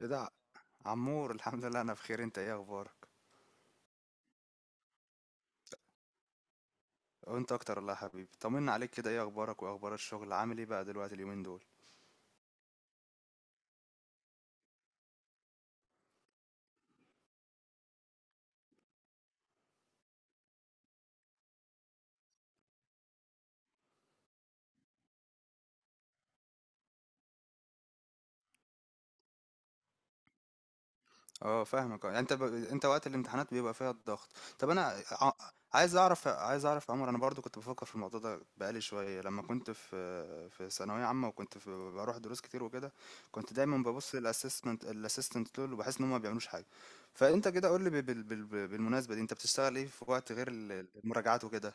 ايه ده عمور، الحمد لله انا بخير. انت ايه اخبارك؟ وانت اكتر والله يا حبيبي. طمنا عليك كده، ايه اخبارك واخبار الشغل؟ عامل ايه بقى دلوقتي اليومين دول؟ اه فاهمك. اه يعني انت وقت الامتحانات بيبقى فيها الضغط. طب انا ع... عايز اعرف، عايز اعرف يا عمر، انا برضو كنت بفكر في الموضوع ده بقالي شويه، لما كنت في ثانويه عامه بروح دروس كتير وكده، كنت دايما ببص للاسسمنت الاسيستنت دول وبحس ان هم ما بيعملوش حاجه. فانت كده قول لي بالمناسبه دي، انت بتشتغل ايه في وقت غير المراجعات وكده؟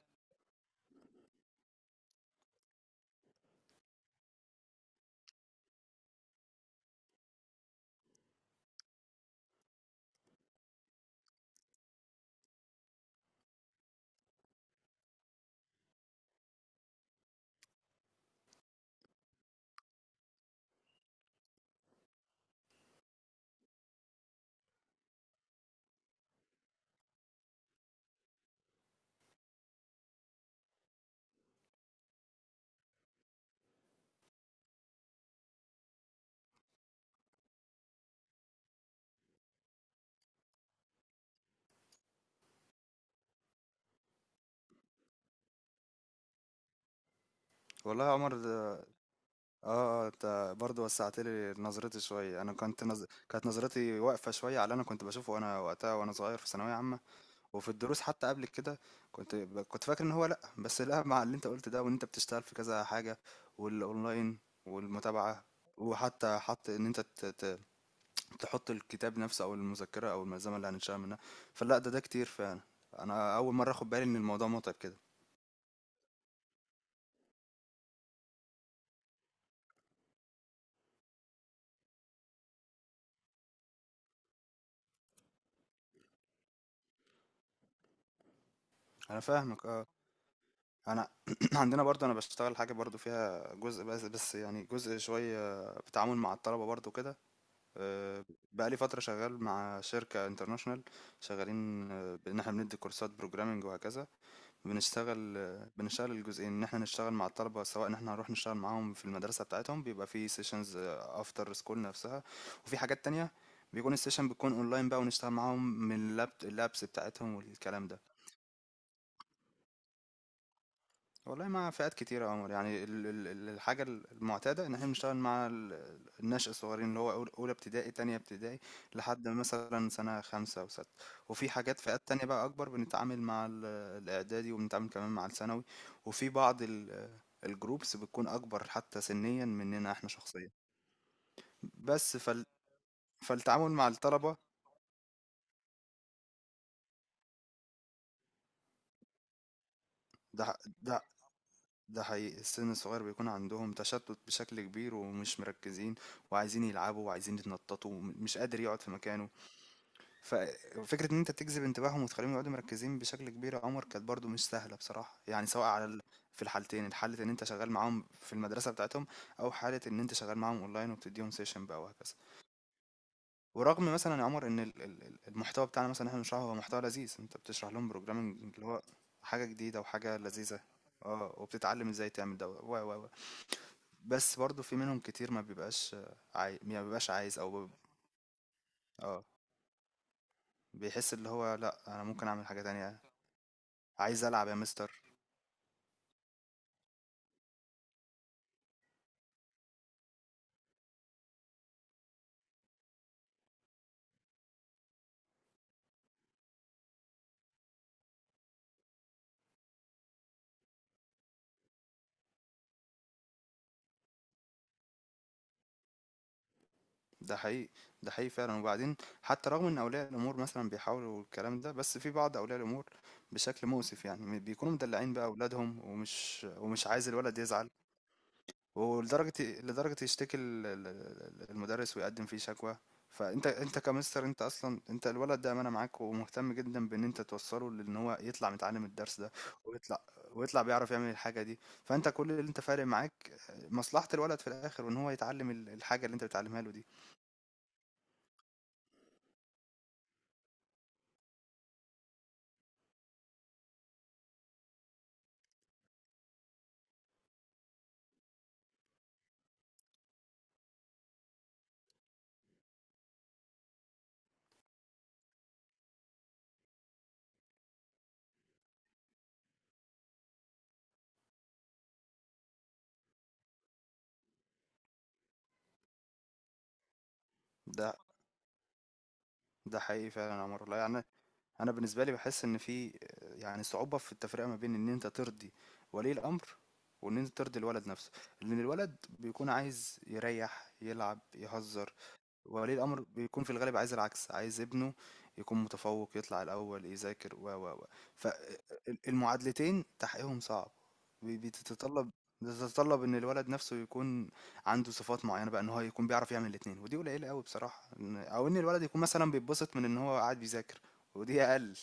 والله يا عمر ده أنت برضه وسّعت لي نظرتي شوية. أنا كنت نظ كانت نظرتي واقفة شوية على اللي أنا كنت باشوفه وأنا وقتها وأنا صغير في ثانوية عامة، وفي الدروس حتى قبل كده كنت فاكر إن هو لأ، بس لأ مع اللي أنت قُلت ده، وإن أنت بتشتغل في كذا حاجة والأونلاين والمتابعة، وحتى حط إن أنت ت ت تحط الكتاب نفسه أو المذكرة أو الملزمة اللي هنشتغل منها، فلأ ده كتير فعلًا. أنا أول مرّة آخُد بالي إن الموضوع مُتعب كده. أنا فاهمك آه. أنا عندنا برضه أنا باشتغل حاجة برضه فيها جزء، بس يعني جزء شوية بتعامل مع الطلبة برضه كده. آه، بقالي فترة شغال مع شركة انترناشونال، شغالين، بإن احنا بندي كورسات بروجرامنج وهكذا. بنشتغل الجزئين، إن احنا نشتغل مع الطلبة، سواء إن احنا هنروح نشتغل معاهم في المدرسة بتاعتهم، بيبقى في سيشنز أفتر سكول نفسها، وفي حاجات تانية بيكون السيشن بتكون أونلاين بقى، ونشتغل معاهم من اللاب اللابس بتاعتهم والكلام ده. والله مع فئات كتيرة يا عمر، يعني الحاجة المعتادة إن احنا بنشتغل مع النشء الصغيرين، اللي هو أولى ابتدائي، تانية ابتدائي، لحد مثلا سنة خمسة وستة. وفي حاجات فئات تانية بقى أكبر، بنتعامل مع الإعدادي، وبنتعامل كمان مع الثانوي. وفي بعض الجروبس بتكون أكبر حتى سنيا مننا احنا شخصيا. بس فال فالتعامل مع الطلبة، ده ده ده حقيقي، السن الصغير بيكون عندهم تشتت بشكل كبير ومش مركزين، وعايزين يلعبوا وعايزين يتنططوا، مش قادر يقعد في مكانه. ففكرة ان انت تجذب انتباههم وتخليهم يقعدوا مركزين بشكل كبير يا عمر كانت برضو مش سهلة بصراحة، يعني في الحالتين، الحالة ان انت شغال معاهم في المدرسة بتاعتهم، او حالة ان انت شغال معاهم اونلاين وبتديهم سيشن بقى وهكذا. ورغم مثلا يا عمر ان المحتوى بتاعنا مثلا احنا بنشرحه هو محتوى لذيذ، انت بتشرح لهم بروجرامنج اللي هو حاجة جديدة وحاجة لذيذة، اه، وبتتعلم ازاي تعمل ده و. بس برضه في منهم كتير ما بيبقاش ما بيبقاش عايز. اه، بيحس اللي هو لا انا ممكن اعمل حاجة تانية، عايز العب يا مستر. ده حقيقي ده حقيقي فعلا. وبعدين حتى رغم ان اولياء الامور مثلا بيحاولوا الكلام ده، بس في بعض اولياء الامور بشكل مؤسف يعني بيكونوا مدلعين بقى اولادهم، ومش عايز الولد يزعل. ولدرجة إيه؟ لدرجة يشتكي المدرس ويقدم فيه شكوى. فانت كمستر، انت اصلا انت الولد ده امانة معاك، ومهتم جدا بان انت توصله، لان هو يطلع متعلم الدرس ده، ويطلع ويطلع بيعرف يعمل الحاجة دي. فانت كل اللي انت فارق معاك مصلحة الولد في الاخر، وان هو يتعلم الحاجة اللي انت بتعلمها له دي. ده ده حقيقي فعلا يا عمر والله يعني. انا بالنسبه لي بحس ان في يعني صعوبه في التفرقه ما بين ان انت ترضي ولي الامر، وان انت ترضي الولد نفسه. لان الولد بيكون عايز يريح يلعب يهزر، ولي الأمر بيكون في الغالب عايز العكس، عايز ابنه يكون متفوق يطلع الأول يذاكر و. فالمعادلتين تحقيقهم صعب، بتتطلب، بتتطلب ان الولد نفسه يكون عنده صفات معينه بقى ان هو يكون بيعرف يعمل الاتنين، ودي قليله قوي بصراحه، او ان الولد يكون مثلا بيتبسط من ان هو قاعد بيذاكر، ودي اقل.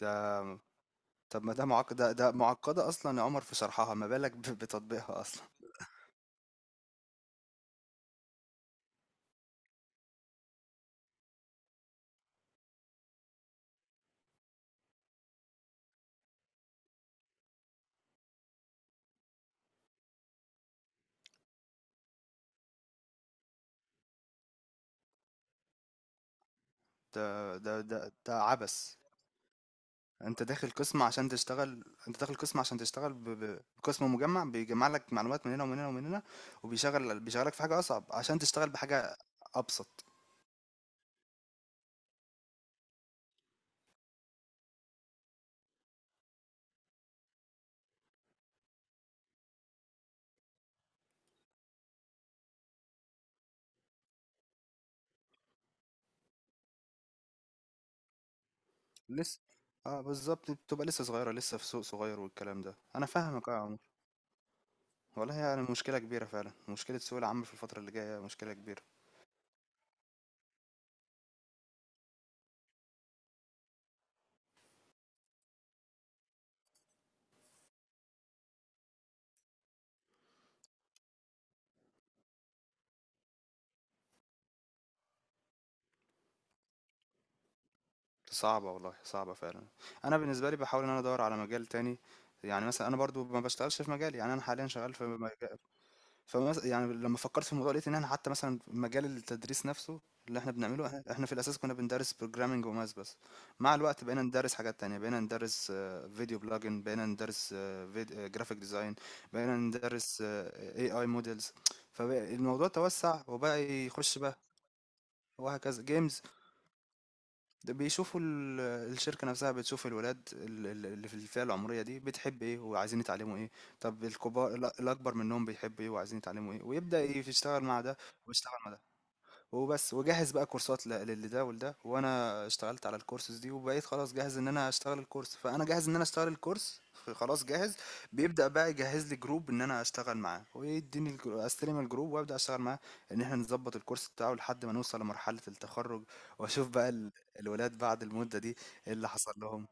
ده طب ما ده معقد، ده معقده اصلا يا عمر في شرحها، ما بالك بتطبيقها اصلا؟ ده عبث. انت داخل قسم عشان تشتغل بقسم مجمع بيجمع لك معلومات من هنا ومن هنا ومن هنا، بيشغلك في حاجة أصعب عشان تشتغل بحاجة أبسط. لسه، اه بالظبط، بتبقى لسه صغيرة لسه في سوق صغير والكلام ده. أنا فاهمك اه يا عمر. والله يعني مشكلة كبيرة فعلا، مشكلة سوق العمل في الفترة اللي جاية مشكلة كبيرة. صعبة والله، صعبة فعلا. أنا بالنسبة لي بحاول إن أنا أدور على مجال تاني، يعني مثلا أنا برضو ما بشتغلش في مجالي، يعني أنا حاليا شغال في مجال. يعني لمّا فكّرت في الموضوع لقيت إن إحنا حتى مثلًا في مجال التدريس نفسه اللي إحنا بنعمله، إحنا في الأساس كُنّا بندرّس programming وmath بس. مع الوقت بقينا ندرّس حاجات تانية، بقينا ندرّس video blogging، بقينا ندرّس graphic design، بقينا ندرّس AI models. فبقى الموضوع توسّع وبقى يخُش بقى وهكذا، games. ده بيشوفوا الشركة نفسها بتشوف الولاد اللي في الفئة العمرية دي بتحب ايه وعايزين يتعلموا ايه. طب الكبار الأكبر منهم بيحب ايه وعايزين يتعلموا ايه، ويبدأ يشتغل مع ده ويشتغل مع ده. وبس وجهز بقى كورسات للي ده ولده، وانا اشتغلت على الكورسز دي، وبقيت خلاص جاهز ان انا اشتغل الكورس. خلاص جاهز. بيبدأ بقى يجهز لي جروب ان انا اشتغل معاه ويديني استلم الجروب وابدأ اشتغل معاه، ان احنا نظبط الكورس بتاعه لحد ما نوصل لمرحلة التخرج. واشوف بقى الولاد بعد المدة دي ايه اللي حصل لهم.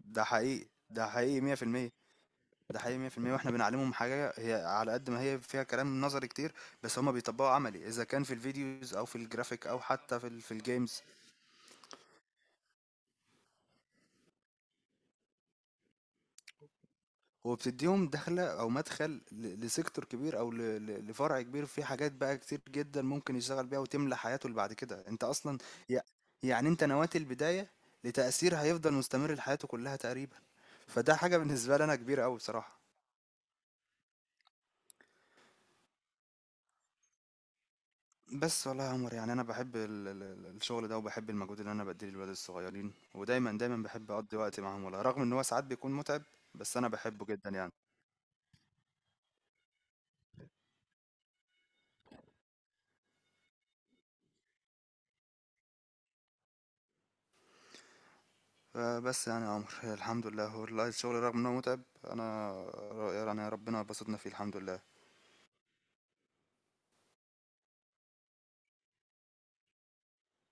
ده حقيقي 100%. واحنا بنعلمهم حاجة هي على قد ما هي فيها كلام نظري كتير، بس هما بيطبقوا عملي، اذا كان في الفيديوز او في الجرافيك او حتى في الجيمز. هو بتديهم دخلة او مدخل لسيكتور كبير، او لفرع كبير، في حاجات بقى كتير جدا ممكن يشتغل بيها وتملى حياته اللي بعد كده. انت اصلا يع- يعني انت نويت البداية لتأثير هيفضل مستمر لحياته كلها تقريبا، فده حاجة بالنسبة لي انا كبيرة قوي بصراحة. بس والله يا عمر يعني أنا باحب ال ال ال الشغل ده، وباحب المجهود اللي أنا باديه للولاد الصغيرين، دايمًا باحب أقضّي وقت معاهم والله، رغم إن هو ساعات بيكون مُتعب، بس أنا باحبه جدًا يعني. فبس يعني يا عمر الحمد لله والله، الشغل رغم إن هو مُتعب، أنا يعني ربنا باسطنا فيه الحمد لله.